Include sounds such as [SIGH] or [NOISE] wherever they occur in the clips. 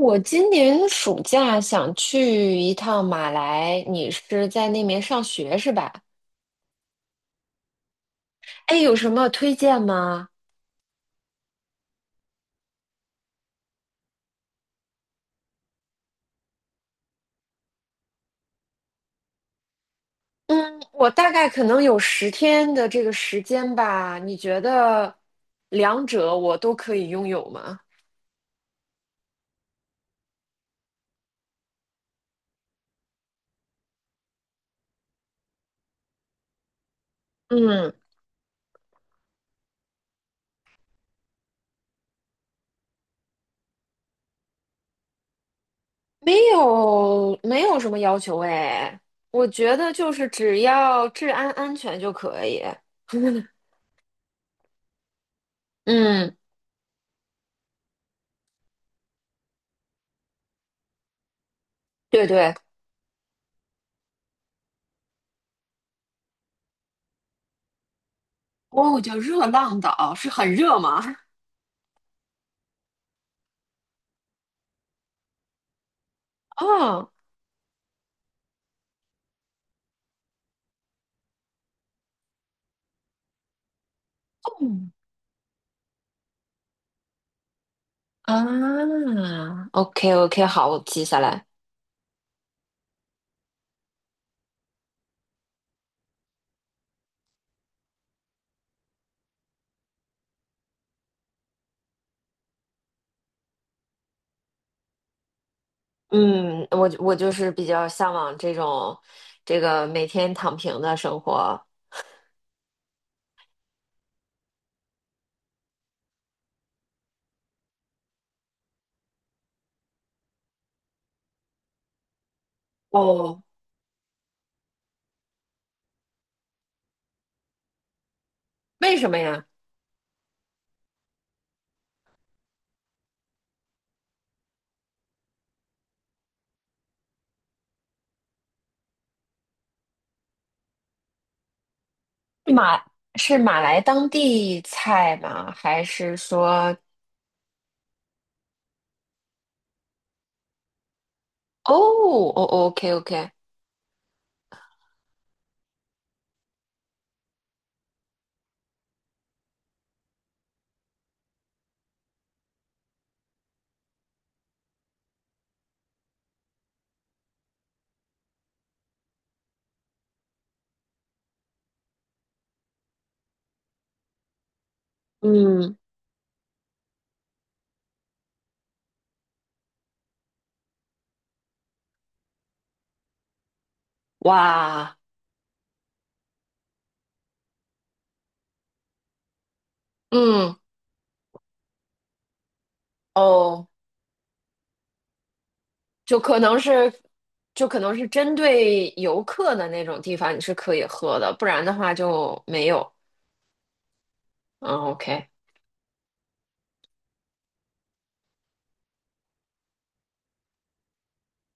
我今年暑假想去一趟马来，你是在那边上学是吧？哎，有什么推荐吗？嗯，我大概可能有10天的这个时间吧，你觉得两者我都可以拥有吗？嗯，没有，没有什么要求哎，我觉得就是只要治安安全就可以。[LAUGHS] 嗯，对对。哦，叫热浪岛，是很热吗？哦，啊，OK OK，好，我记下来。嗯，我就是比较向往这种这个每天躺平的生活。哦，为什么呀？马是马来当地菜吗？还是说哦哦，OK OK，嗯，哇，嗯哦，就可能是就可能是针对游客的那种地方，你是可以喝的，不然的话就没有。嗯，OK。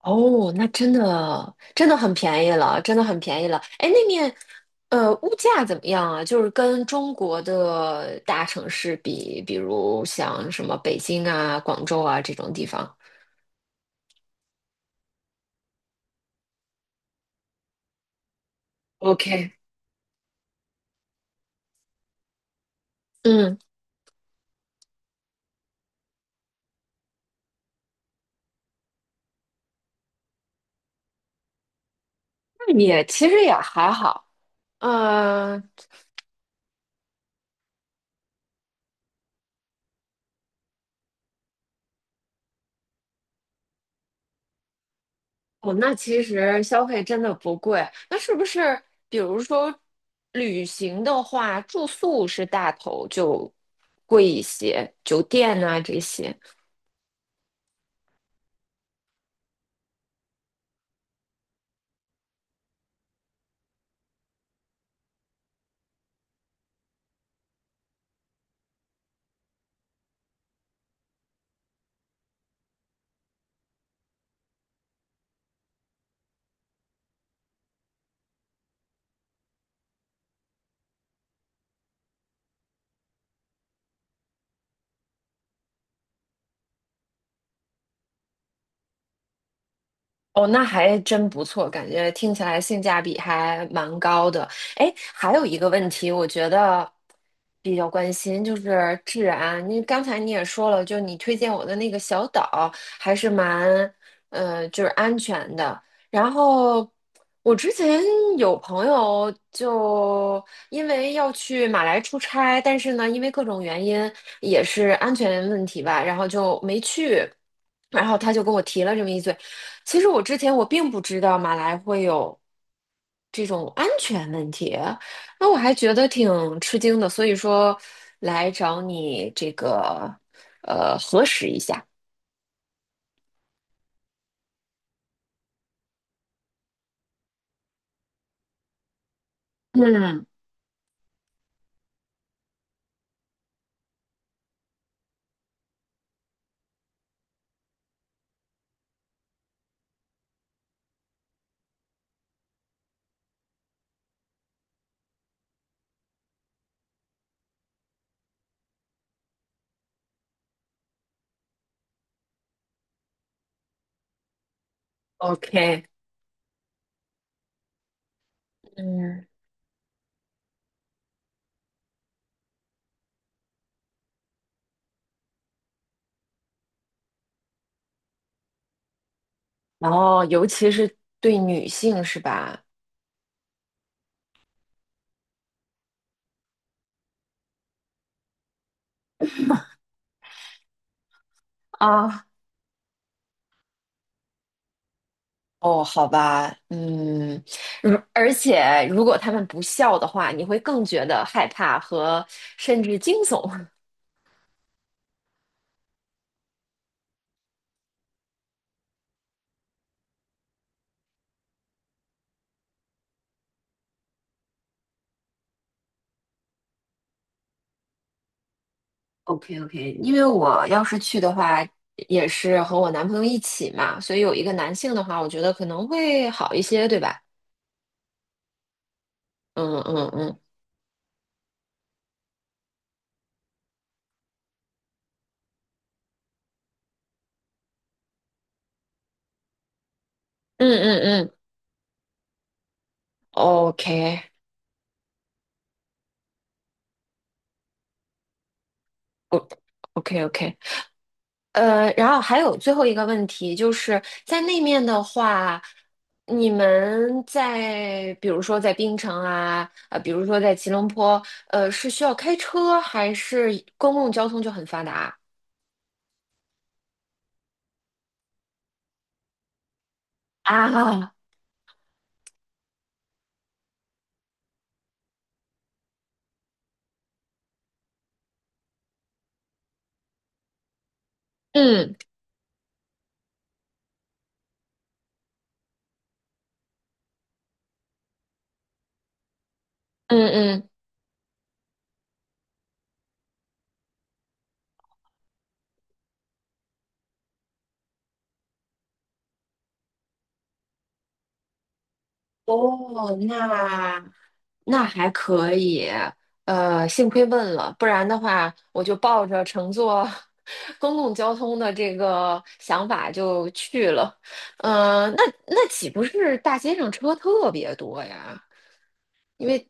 哦，那真的真的很便宜了，真的很便宜了。哎，那面，物价怎么样啊？就是跟中国的大城市比，比如像什么北京啊、广州啊这种地方。OK，嗯，那也其实也还好。呃，哦，那其实消费真的不贵。那是不是比如说旅行的话，住宿是大头就贵一些，酒店啊这些？哦，那还真不错，感觉听起来性价比还蛮高的。哎，还有一个问题，我觉得比较关心，就是治安。你刚才你也说了，就你推荐我的那个小岛还是蛮，就是安全的。然后我之前有朋友就因为要去马来出差，但是呢，因为各种原因，也是安全问题吧，然后就没去。然后他就跟我提了这么一嘴，其实我之前我并不知道马来会有这种安全问题，那我还觉得挺吃惊的，所以说来找你这个核实一下。嗯，OK,嗯，然后尤其是对女性是吧？啊，哦，好吧，嗯，而且如果他们不笑的话，你会更觉得害怕和甚至惊悚。OK OK,因为我要是去的话，也是和我男朋友一起嘛，所以有一个男性的话，我觉得可能会好一些，对吧？嗯嗯嗯嗯嗯嗯，OK OK OK,然后还有最后一个问题，就是在那面的话，你们在比如说在槟城啊，比如说在吉隆坡，是需要开车还是公共交通就很发达啊？嗯嗯嗯哦，那还可以，幸亏问了，不然的话，我就抱着乘坐 [LAUGHS] 公共交通的这个想法就去了。嗯，那岂不是大街上车特别多呀？因为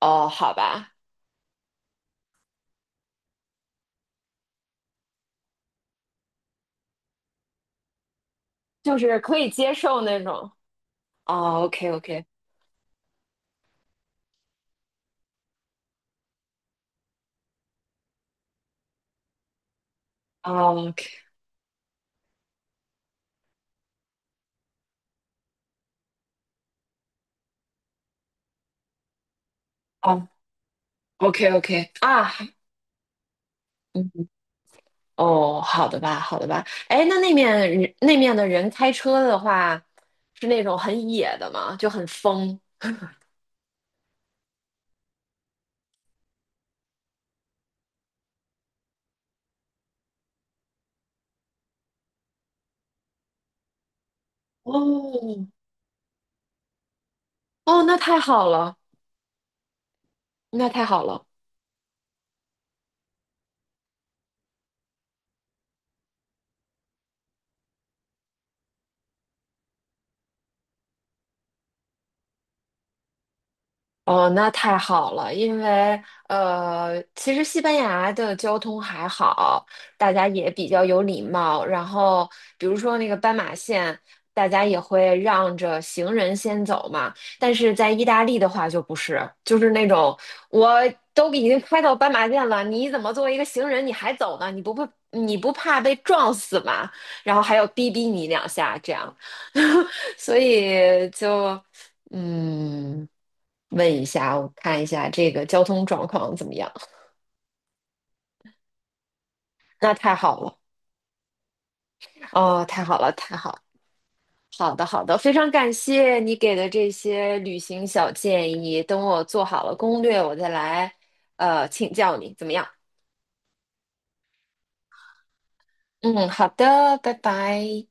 哦，好吧，就是可以接受那种。哦，OK OK,哦，OK,哦，OK OK 啊，嗯。哦，好的吧，好的吧。哎，那面人那面的人开车的话，是那种很野的吗？就很疯。哦，哦，那太好了，那太好了。哦，那太好了，因为其实西班牙的交通还好，大家也比较有礼貌。然后，比如说那个斑马线，大家也会让着行人先走嘛。但是在意大利的话就不是，就是那种我都已经开到斑马线了，你怎么作为一个行人你还走呢？你不怕被撞死吗？然后还要逼逼你两下，这样，[LAUGHS] 所以就。嗯，问一下，我看一下这个交通状况怎么样？[LAUGHS] 那太好了，哦，太好了，太好了好的，好的，非常感谢你给的这些旅行小建议。等我做好了攻略，我再来请教你，怎么样？嗯，好的，拜拜。